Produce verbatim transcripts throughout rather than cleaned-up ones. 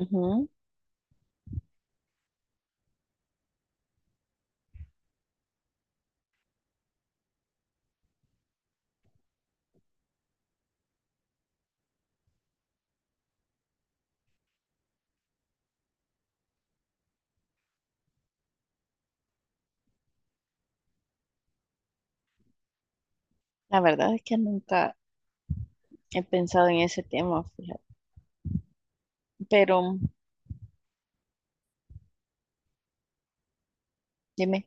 Ujú. La verdad es que nunca he pensado en ese tema, fíjate. Pero dime,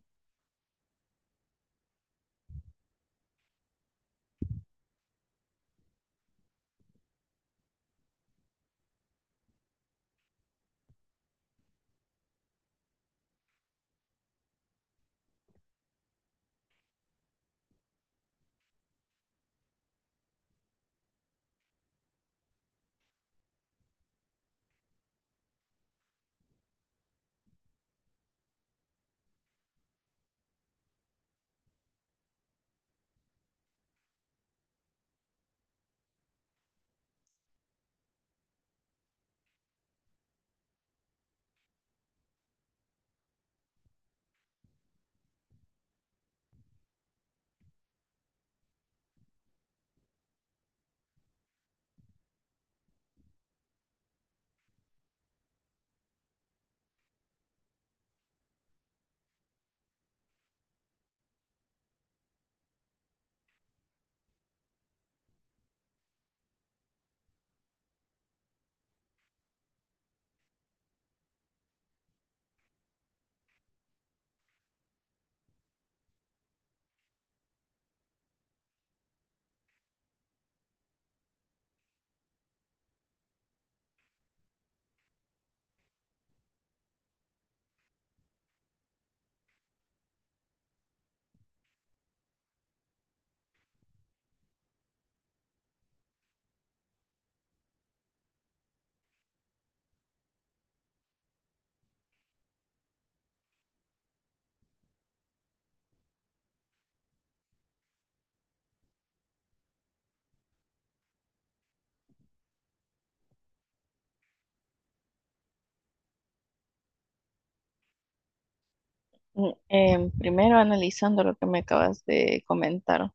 mm, em, primero analizando lo que me acabas de comentar,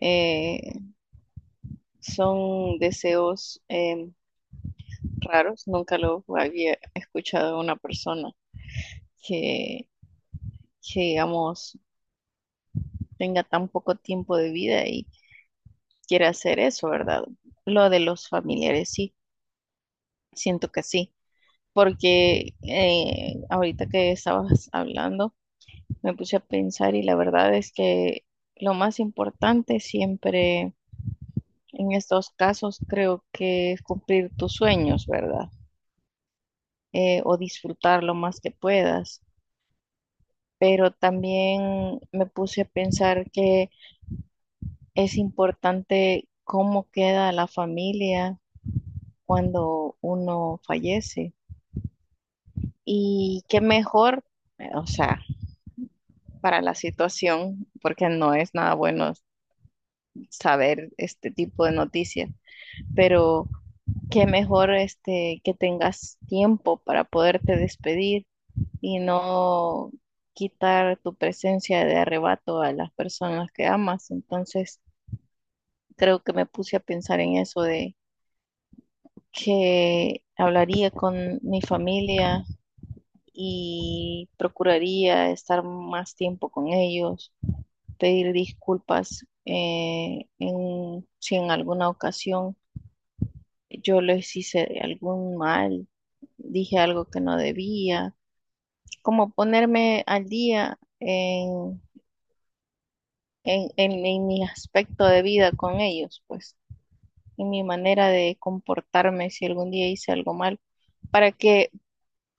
eh, son deseos em, raros, nunca los había escuchado de una persona que, que, digamos, tenga tan poco tiempo de vida y quiera hacer eso, ¿verdad? Lo de los familiares, sí, siento que sí, porque eh, ahorita que estabas hablando, me puse a pensar y la verdad es que lo más importante siempre en estos casos creo que es cumplir tus sueños, ¿verdad? Eh, o disfrutar lo más que puedas. Pero también me puse a pensar que es importante cómo queda la familia cuando uno fallece. Y qué mejor, eh, o sea, para la situación, porque no es nada bueno saber este tipo de noticias, pero que mejor este, que tengas tiempo para poderte despedir y no quitar tu presencia de arrebato a las personas que amas. Entonces, creo que me puse a pensar en eso de que hablaría con mi familia y procuraría estar más tiempo con ellos, pedir disculpas eh, en, si en alguna ocasión yo les hice algún mal, dije algo que no debía, como ponerme al día en, en, en- en mi aspecto de vida con ellos, pues, en mi manera de comportarme si algún día hice algo mal, para que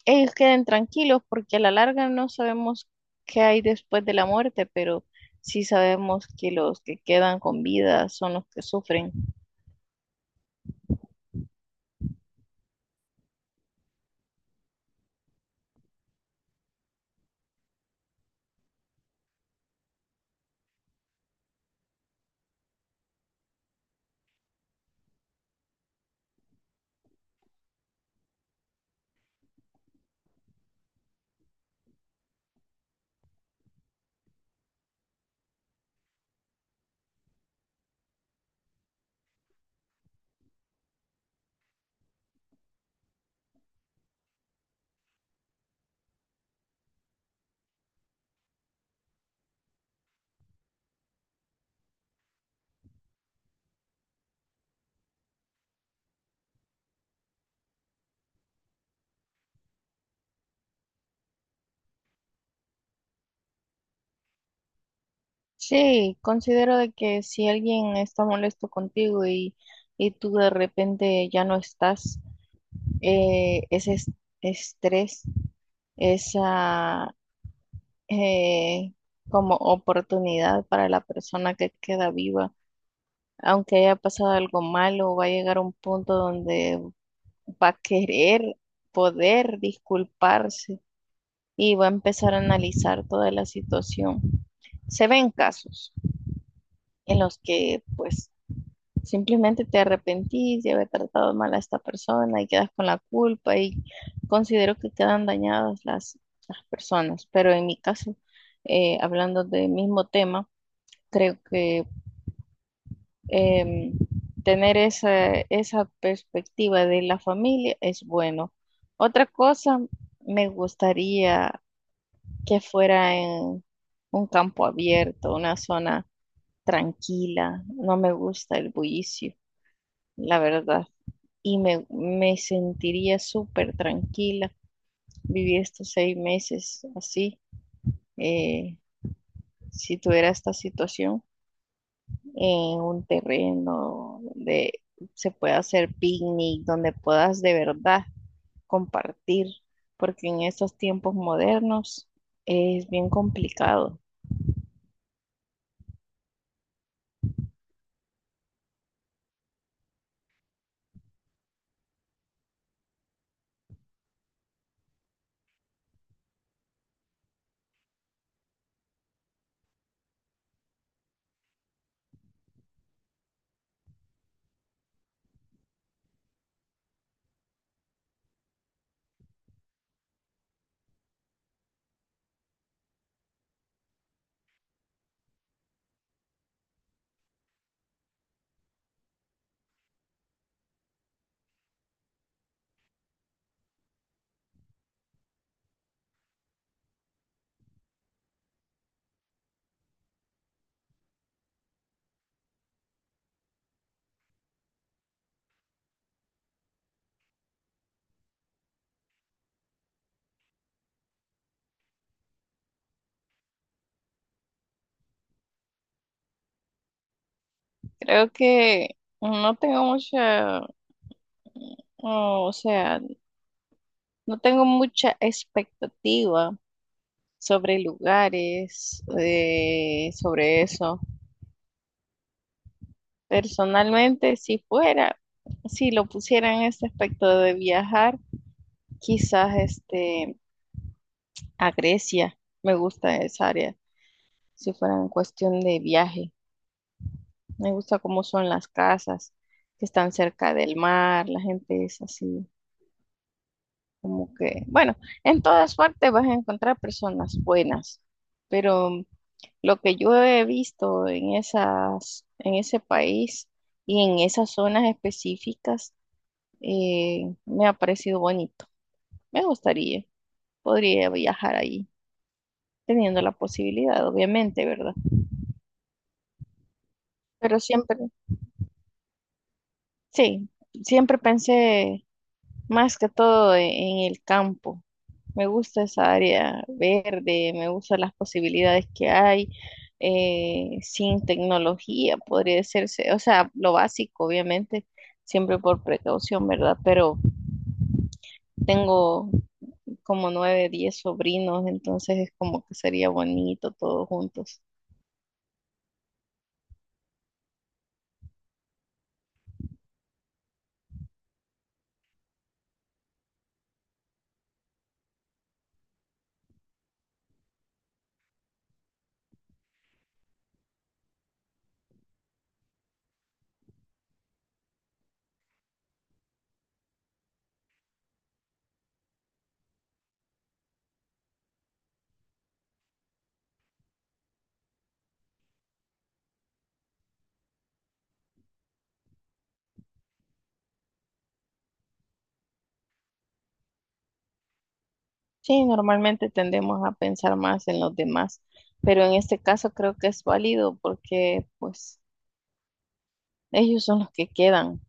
ellos queden tranquilos, porque a la larga no sabemos qué hay después de la muerte, pero sí sabemos que los que quedan con vida son los que sufren. Sí, considero de que si alguien está molesto contigo y, y tú de repente ya no estás, eh, ese es- estrés, esa eh, como oportunidad para la persona que queda viva, aunque haya pasado algo malo, va a llegar un punto donde va a querer poder disculparse y va a empezar a analizar toda la situación. Se ven casos en los que pues simplemente te arrepentís de haber tratado mal a esta persona y quedas con la culpa y considero que quedan dañadas las, las personas. Pero en mi caso, eh, hablando del mismo tema, creo que em, tener esa, esa perspectiva de la familia es bueno. Otra cosa, me gustaría que fuera en un campo abierto, una zona tranquila. No me gusta el bullicio, la verdad. Y me, me sentiría súper tranquila vivir estos seis meses así, eh, si tuviera esta situación en un terreno donde se pueda hacer picnic, donde puedas de verdad compartir, porque en estos tiempos modernos es bien complicado. Creo que no tengo mucha, no, o sea, no tengo mucha expectativa sobre lugares, eh, sobre eso. Personalmente, si fuera, si lo pusiera en este aspecto de viajar, quizás este, a Grecia, me gusta esa área, si fuera en cuestión de viaje. Me gusta cómo son las casas que están cerca del mar, la gente es así. Como que, bueno, en todas partes vas a encontrar personas buenas, pero lo que yo he visto en esas, en ese país y en esas zonas específicas, eh, me ha parecido bonito. Me gustaría, podría viajar ahí, teniendo la posibilidad, obviamente, ¿verdad? Pero siempre, sí, siempre pensé más que todo e- en el campo. Me gusta esa área verde, me gustan las posibilidades que hay eh, sin tecnología, podría decirse, o sea, lo básico, obviamente, siempre por precaución, ¿verdad? Pero tengo como nueve, diez sobrinos, entonces es como que sería bonito todos juntos. Sí, normalmente tendemos a pensar más en los demás, pero en este caso creo que es válido porque pues ellos son los que quedan.